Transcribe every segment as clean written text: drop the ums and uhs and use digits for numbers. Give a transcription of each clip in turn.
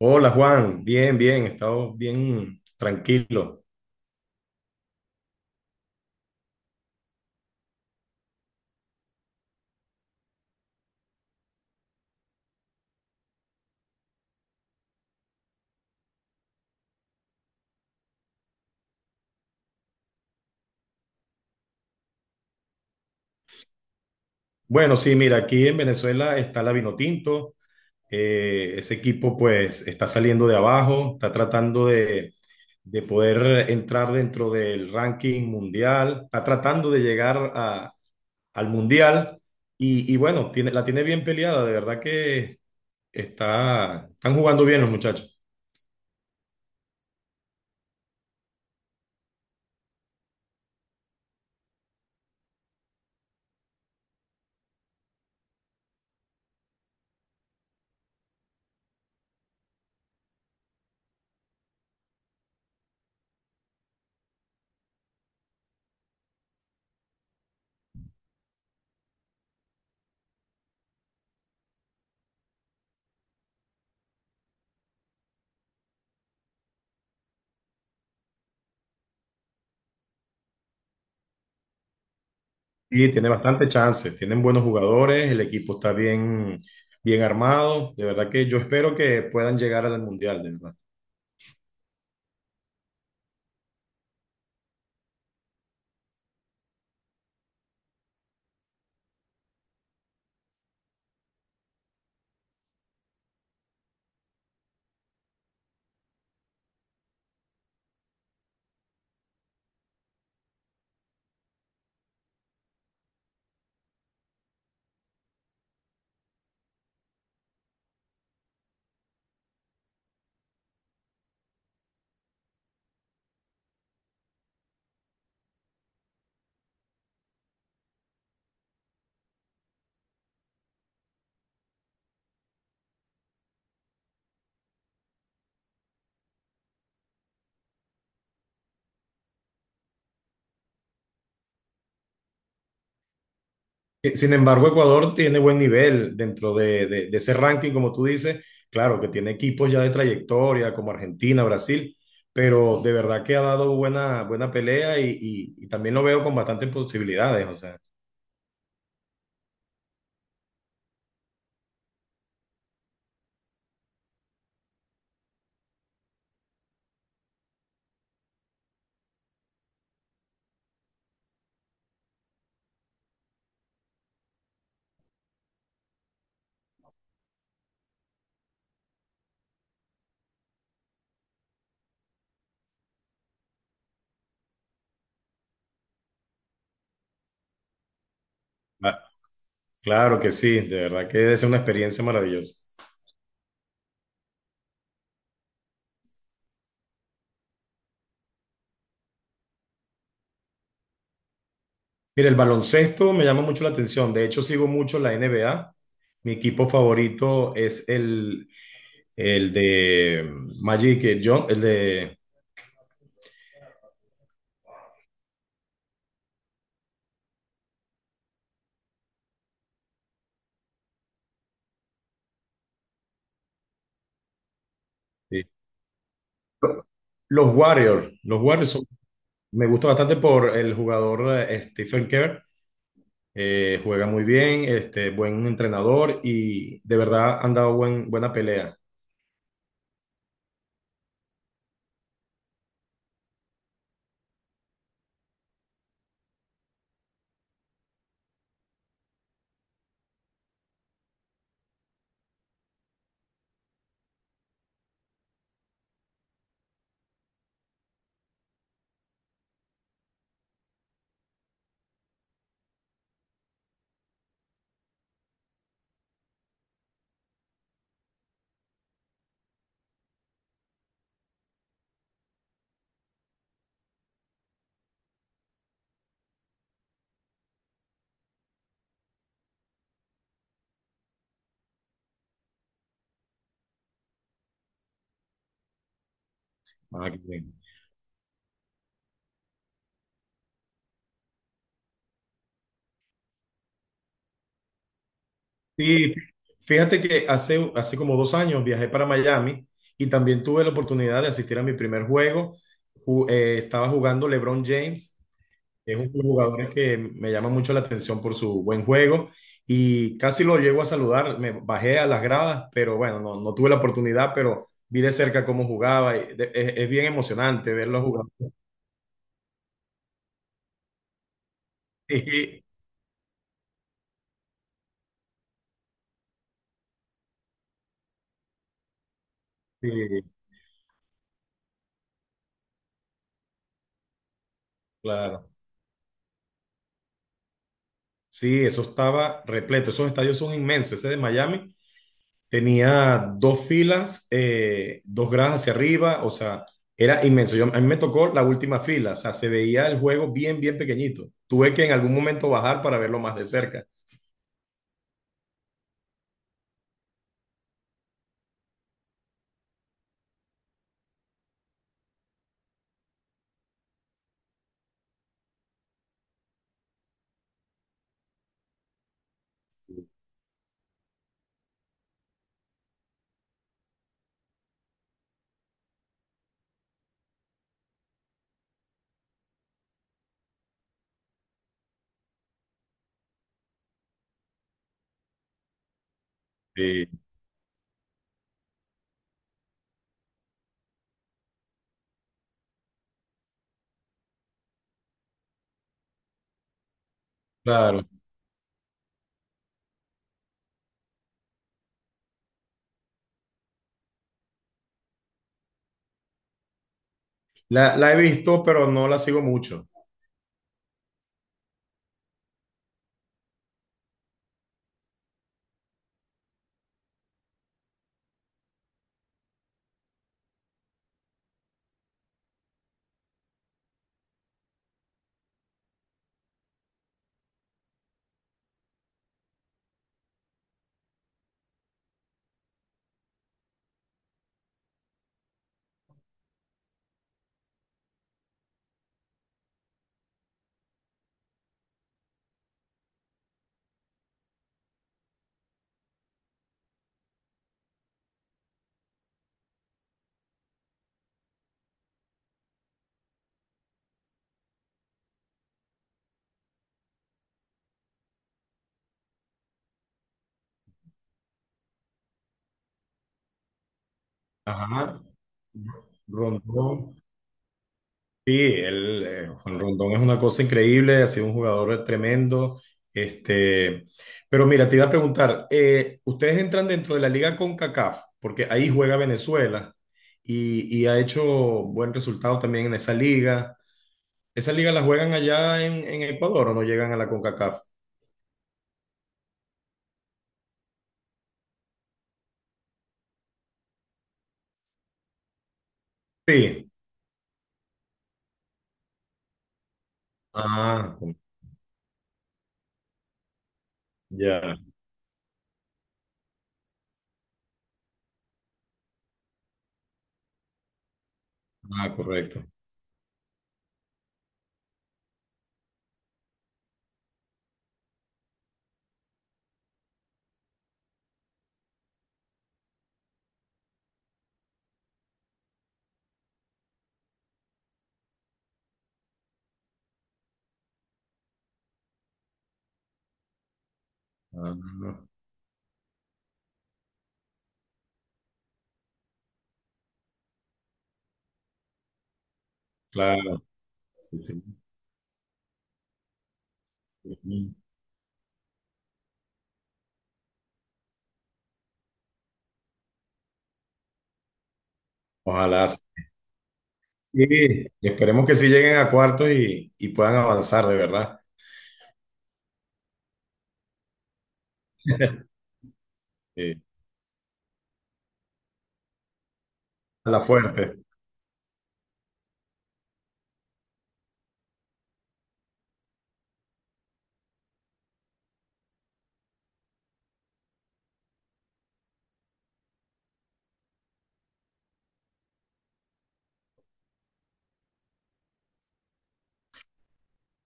Hola Juan, bien, bien, he estado bien tranquilo. Bueno, sí, mira, aquí en Venezuela está la Vinotinto, ese equipo pues está saliendo de abajo, está tratando de, poder entrar dentro del ranking mundial, está tratando de al mundial y, bueno, tiene, la tiene bien peleada, de verdad que está, están jugando bien los muchachos. Sí, tiene bastante chance, tienen buenos jugadores, el equipo está bien, bien armado, de verdad que yo espero que puedan llegar al Mundial, de verdad. Sin embargo, Ecuador tiene buen nivel dentro de, de ese ranking, como tú dices, claro que tiene equipos ya de trayectoria como Argentina, Brasil, pero de verdad que ha dado buena, buena pelea y, y también lo veo con bastantes posibilidades, o sea, ah, claro que sí, de verdad que es una experiencia maravillosa. Mira, el baloncesto me llama mucho la atención. De hecho, sigo mucho la NBA. Mi equipo favorito es el de Magic John, el de eh, los Warriors. Me gusta bastante por el jugador Stephen Kerr. Juega muy bien, este, buen entrenador y de verdad han dado buen, buena pelea. Sí, fíjate que hace, hace como 2 años viajé para Miami y también tuve la oportunidad de asistir a mi primer juego. Estaba jugando LeBron James, que es un jugador que me llama mucho la atención por su buen juego y casi lo llego a saludar. Me bajé a las gradas, pero bueno, no, no tuve la oportunidad, pero vi de cerca cómo jugaba. Es bien emocionante verlo jugar. Sí, sí, claro. Sí, eso estaba repleto. Esos estadios son inmensos. Ese de Miami. Tenía dos filas, dos gradas hacia arriba, o sea, era inmenso. Yo, a mí me tocó la última fila, o sea, se veía el juego bien, bien pequeñito. Tuve que en algún momento bajar para verlo más de cerca. Sí, claro. La he visto, pero no la sigo mucho. Ajá. Rondón. Sí, él, Juan Rondón es una cosa increíble, ha sido un jugador tremendo. Este, pero mira, te iba a preguntar, ustedes entran dentro de la liga CONCACAF, porque ahí juega Venezuela y ha hecho buen resultado también en esa liga. ¿Esa liga la juegan allá en Ecuador o no llegan a la CONCACAF? Sí. Ah, ya. Ah, correcto. Ah, claro. Sí, sí. Ojalá. Sí. Sí, y esperemos que sí lleguen a cuartos y puedan avanzar de verdad. Sí, a la fuerte.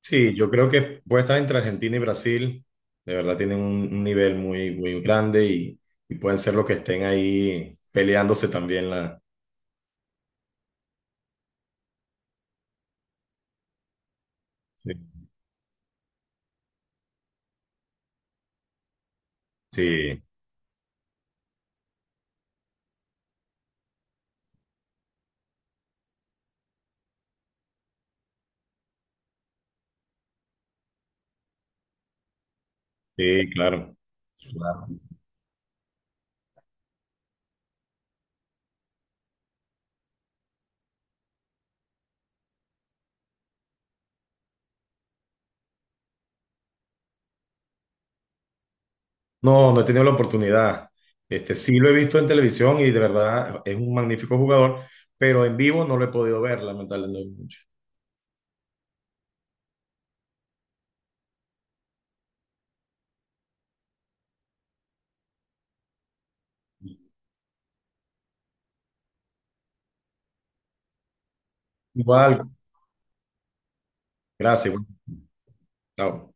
Sí, yo creo que puede estar entre Argentina y Brasil. De verdad tienen un nivel muy, muy grande y pueden ser los que estén ahí peleándose también la. Sí, sí, sí, claro, claro. No, no he tenido la oportunidad. Este, sí lo he visto en televisión y de verdad es un magnífico jugador, pero en vivo no lo he podido ver, lamentablemente. Igual, gracias. Bueno, chao.